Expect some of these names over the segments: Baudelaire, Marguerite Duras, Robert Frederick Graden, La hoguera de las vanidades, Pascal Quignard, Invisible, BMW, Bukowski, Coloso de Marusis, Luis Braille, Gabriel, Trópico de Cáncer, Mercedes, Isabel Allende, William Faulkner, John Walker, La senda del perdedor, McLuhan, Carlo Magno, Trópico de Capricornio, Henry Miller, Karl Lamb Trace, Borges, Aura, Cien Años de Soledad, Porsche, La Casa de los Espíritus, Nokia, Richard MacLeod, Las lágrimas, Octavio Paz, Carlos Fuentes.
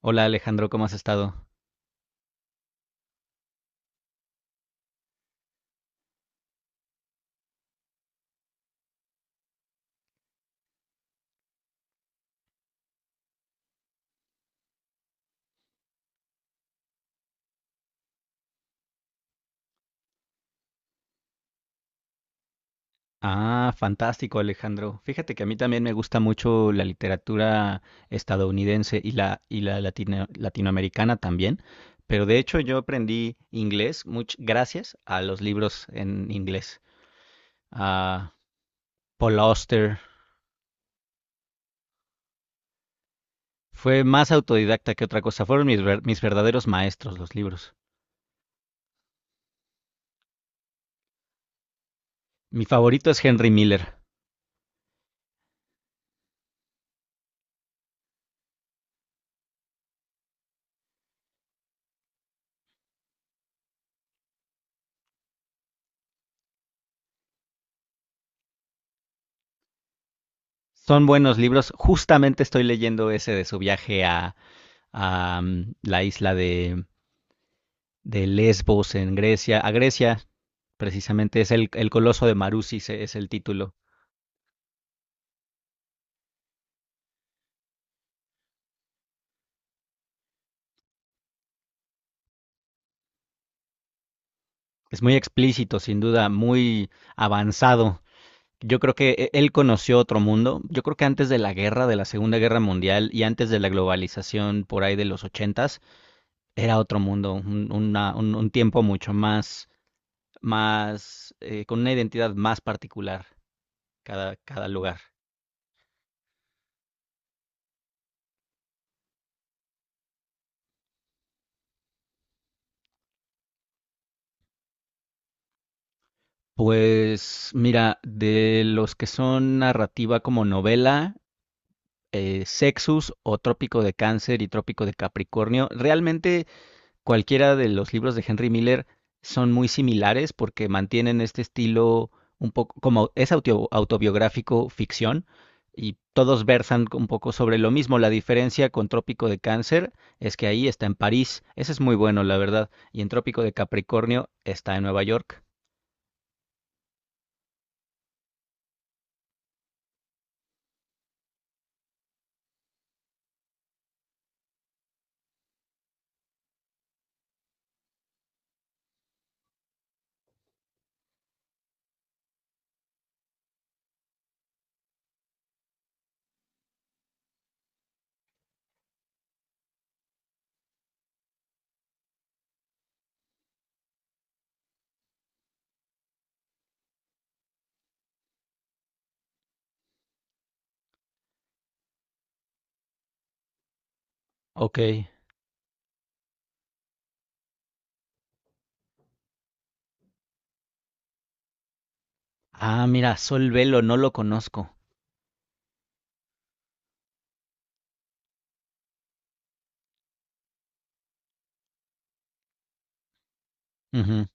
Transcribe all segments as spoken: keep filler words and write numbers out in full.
Hola Alejandro, ¿cómo has estado? Ah, fantástico Alejandro. Fíjate que a mí también me gusta mucho la literatura estadounidense y la, y la latino- latinoamericana también, pero de hecho yo aprendí inglés much- gracias a los libros en inglés, a Paul Auster. Fue más autodidacta que otra cosa, fueron mis, ver- mis verdaderos maestros los libros. Mi favorito es Henry Miller. Son buenos libros, justamente estoy leyendo ese de su viaje a, a mm, la isla de... de Lesbos en Grecia, a Grecia, precisamente es el, el Coloso de Marusis, e- es el título. Es muy explícito, sin duda, muy avanzado. Yo creo que e- él conoció otro mundo. Yo creo que antes de la guerra, de la Segunda Guerra Mundial y antes de la globalización por ahí de los ochentas, era otro mundo, un, una, un, un tiempo mucho más, más, eh, con una identidad más particular cada, cada lugar. Pues mira, de los que son narrativa como novela, eh, Sexus o Trópico de Cáncer y Trópico de Capricornio. Realmente cualquiera de los libros de Henry Miller son muy similares porque mantienen este estilo un poco como es auto- autobiográfico ficción y todos versan un poco sobre lo mismo. La diferencia con Trópico de Cáncer es que ahí está en París, ese es muy bueno, la verdad, y en Trópico de Capricornio está en Nueva York. Ok. Ah, mira, Sol Velo, no lo conozco. Ujú.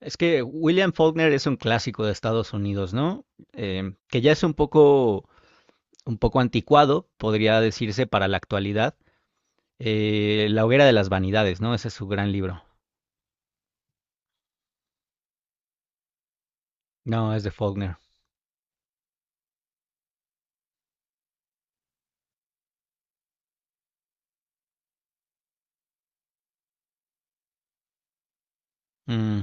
Es que William Faulkner es un clásico de Estados Unidos, ¿no? Eh, que ya es un poco, un poco anticuado, podría decirse, para la actualidad. Eh, La hoguera de las vanidades, ¿no? Ese es su gran libro. No, es de Faulkner. Mm.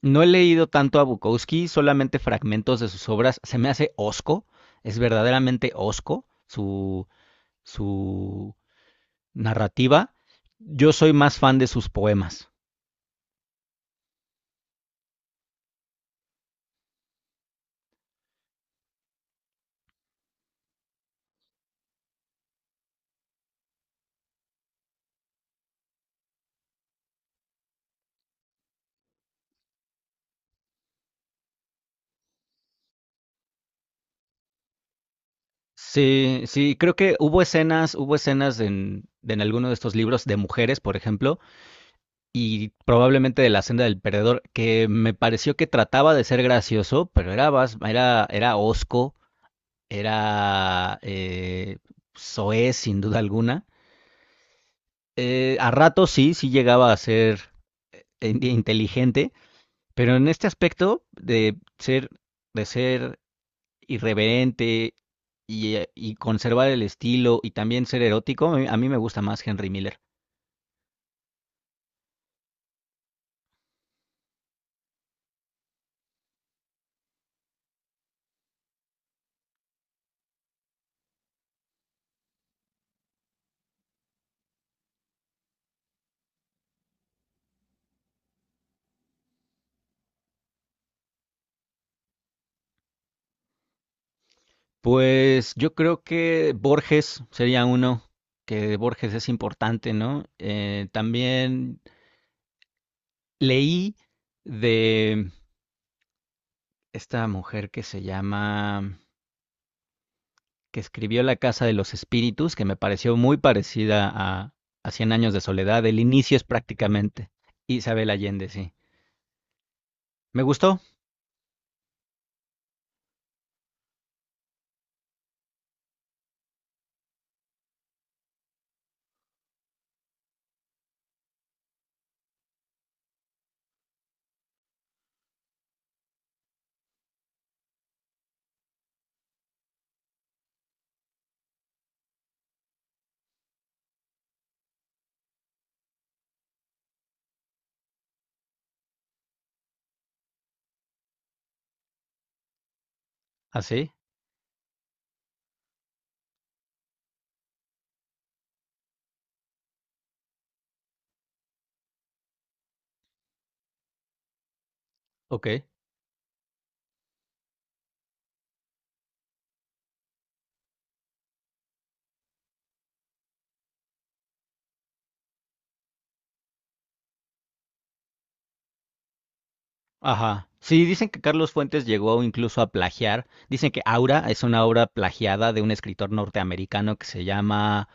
No he leído tanto a Bukowski, solamente fragmentos de sus obras. Se me hace osco, es verdaderamente osco su, su narrativa. Yo soy más fan de sus poemas. Sí, sí, creo que hubo escenas, hubo escenas en, en alguno de estos libros de mujeres, por ejemplo, y probablemente de La senda del perdedor, que me pareció que trataba de ser gracioso, pero era, bas- era, era hosco, era eh, soez, sin duda alguna. Eh, a ratos sí, sí llegaba a ser in- inteligente, pero en este aspecto de ser, de ser irreverente y, eh, y conservar el estilo y también ser erótico, a mí, a mí me gusta más Henry Miller. Pues yo creo que Borges sería uno, que Borges es importante, ¿no? Eh, también leí de esta mujer que se llama, que escribió La Casa de los Espíritus, que me pareció muy parecida a, a Cien Años de Soledad, el inicio es prácticamente Isabel Allende, sí. Me gustó, así, ok. Ajá. Sí, dicen que Carlos Fuentes llegó incluso a plagiar. Dicen que Aura es una obra plagiada de un escritor norteamericano que se llama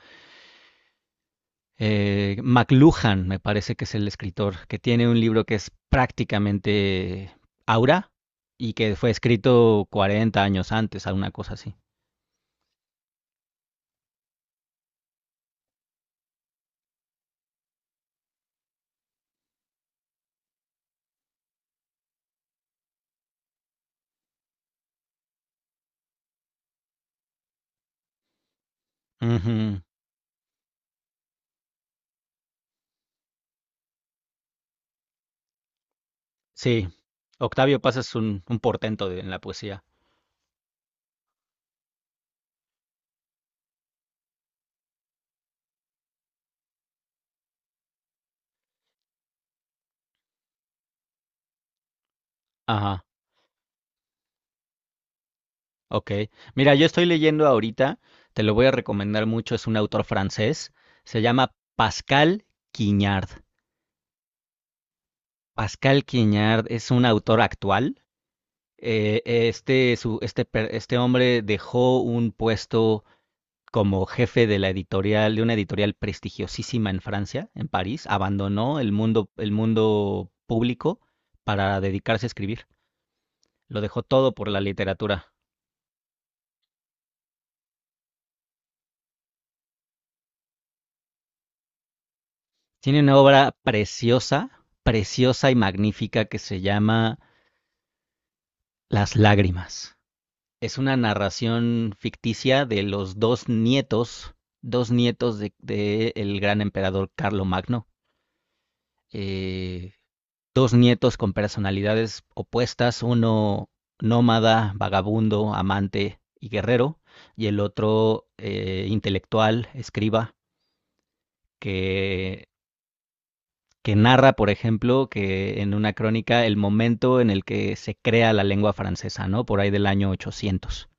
eh, McLuhan, me parece que es el escritor, que tiene un libro que es prácticamente Aura y que fue escrito cuarenta años antes, alguna cosa así. Ujú. Sí, Octavio Paz es un, un portento de- en la poesía. Ajá. Ok. Mira, yo estoy leyendo ahorita, te lo voy a recomendar mucho, es un autor francés, se llama Pascal Quignard. Pascal Quignard es un autor actual. Eh, este, su- este, per- este hombre dejó un puesto como jefe de la editorial, de una editorial prestigiosísima en Francia, en París, abandonó el mundo, el mundo público para dedicarse a escribir. Lo dejó todo por la literatura. Tiene una obra preciosa, preciosa y magnífica que se llama Las lágrimas. Es una narración ficticia de los dos nietos, dos nietos del de, el gran emperador Carlo Magno. Eh, Dos nietos con personalidades opuestas, uno nómada, vagabundo, amante y guerrero, y el otro eh, intelectual, escriba, que que narra, por ejemplo, que en una crónica el momento en el que se crea la lengua francesa, ¿no? Por ahí del año ochocientos.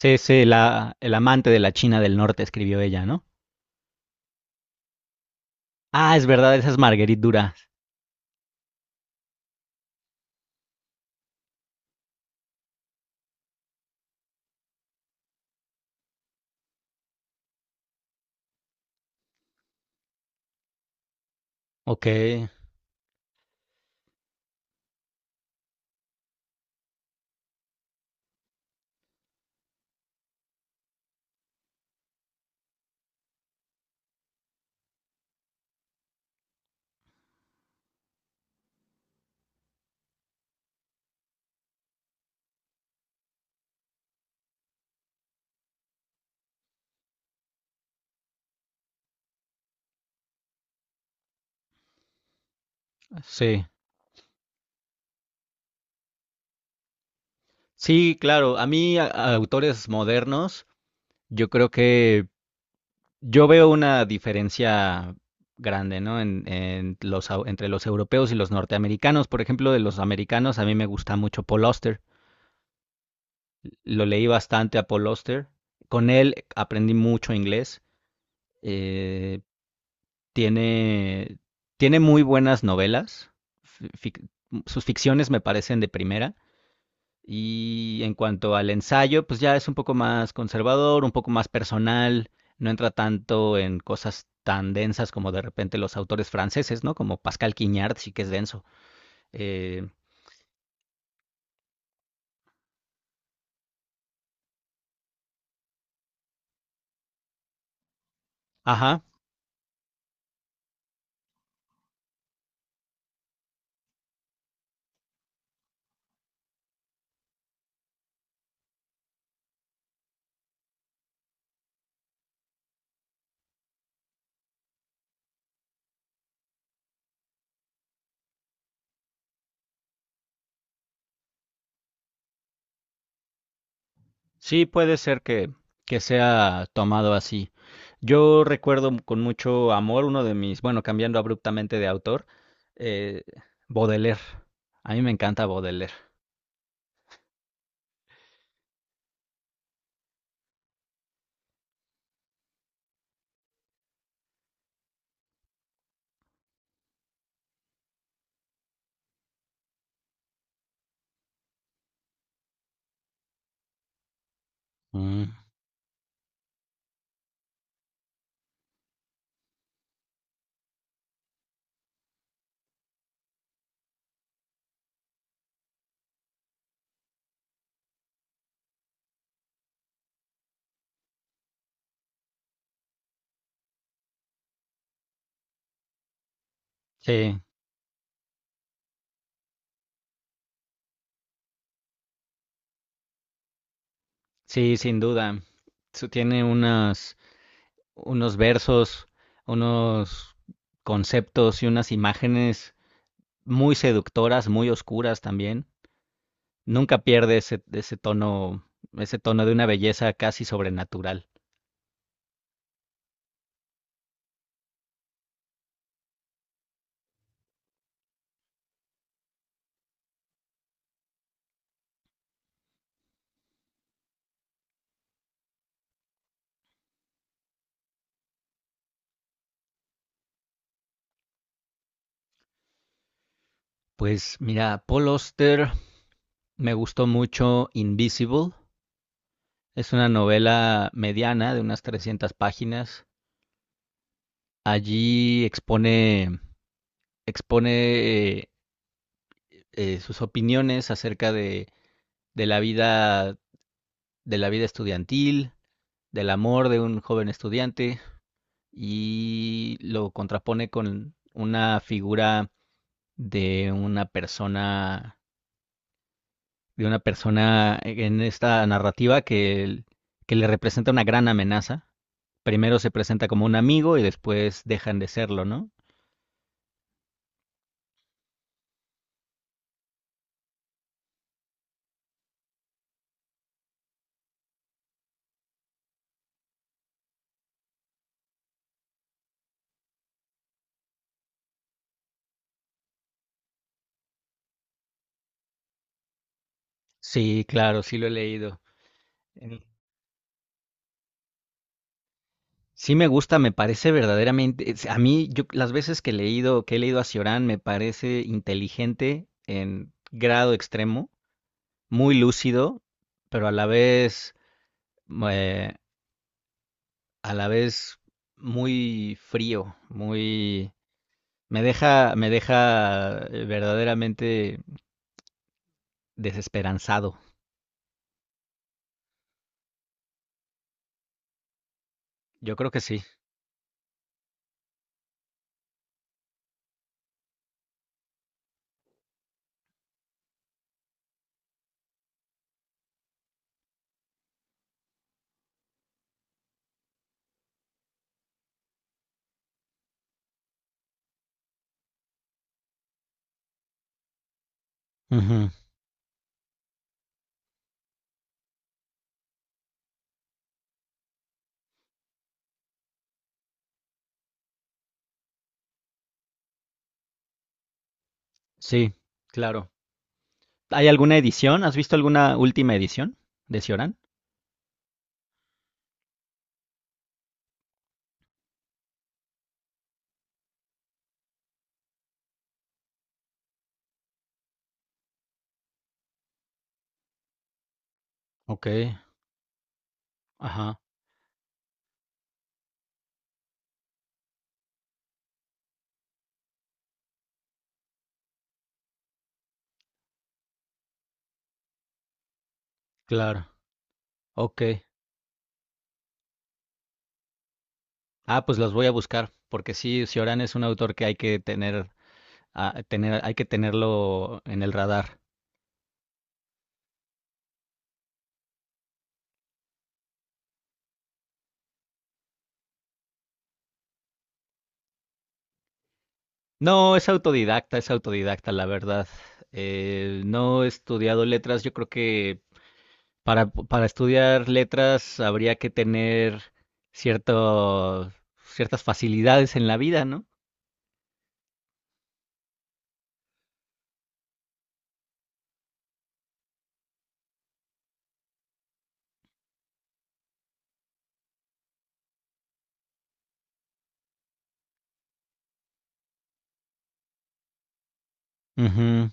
Es la, el amante de la China del Norte, escribió ella, ¿no? Ah, es verdad, esa es Marguerite Duras. Ok, sí. Sí, claro, a mí a- a autores modernos, yo creo que yo veo una diferencia grande, ¿no? En, en los, au- entre los europeos y los norteamericanos. Por ejemplo, de los americanos, a mí me gusta mucho Paul Auster. Lo leí bastante a Paul Auster. Con él aprendí mucho inglés. Eh, Tiene, tiene muy buenas novelas. Fic- Sus ficciones me parecen de primera. Y en cuanto al ensayo, pues ya es un poco más conservador, un poco más personal. No entra tanto en cosas tan densas como de repente los autores franceses, ¿no? Como Pascal Quignard, sí que es denso. Eh, ajá. Sí, puede ser que, que sea tomado así. Yo recuerdo m- con mucho amor uno de mis, bueno, cambiando abruptamente de autor, eh, Baudelaire. A mí me encanta Baudelaire. Mm. Sí, sí, sin duda. Su- Tiene unas, unos versos, unos conceptos y unas imágenes muy seductoras, muy oscuras también. Nunca pierde ese, ese tono, ese tono de una belleza casi sobrenatural. Pues mira, Paul Auster, me gustó mucho Invisible. Es una novela mediana de unas trescientas páginas. Allí expone, Expone eh, eh, sus opiniones acerca de, de la vida, de la vida estudiantil, del amor de un joven estudiante y lo contrapone con una figura de una persona de una persona en esta narrativa que, que le representa una gran amenaza. Primero se presenta como un amigo y después dejan de serlo, ¿no? Sí, claro, sí lo he leído. En- Sí me gusta, me parece verdaderamente, es- a mí yo las veces que he leído, que he leído a Cioran me parece inteligente en grado extremo, muy lúcido, pero a la vez eh, a la vez muy frío, muy. Me deja, me deja eh, verdaderamente desesperanzado. Yo creo que sí. Ujú, sí, claro. ¿Hay alguna edición? ¿Has visto alguna última edición de Cioran? Ok, ajá, claro, ok. Ah, pues los voy a buscar, porque sí, Cioran es un autor que hay que tener, ah, tener, hay que tenerlo en el radar. No, es autodidacta, es autodidacta, la verdad. Eh, no he estudiado letras, yo creo que Para, para estudiar letras habría que tener cierto, ciertas facilidades en la vida, ¿no? Ujú,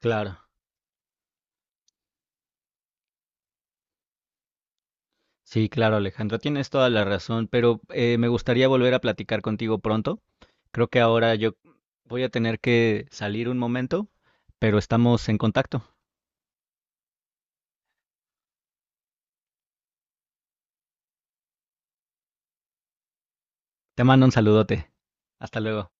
claro. Sí, claro, Alejandro, tienes toda la razón, pero eh, me gustaría volver a platicar contigo pronto. Creo que ahora yo voy a tener que salir un momento, pero estamos en contacto. Te mando un saludote. Hasta luego.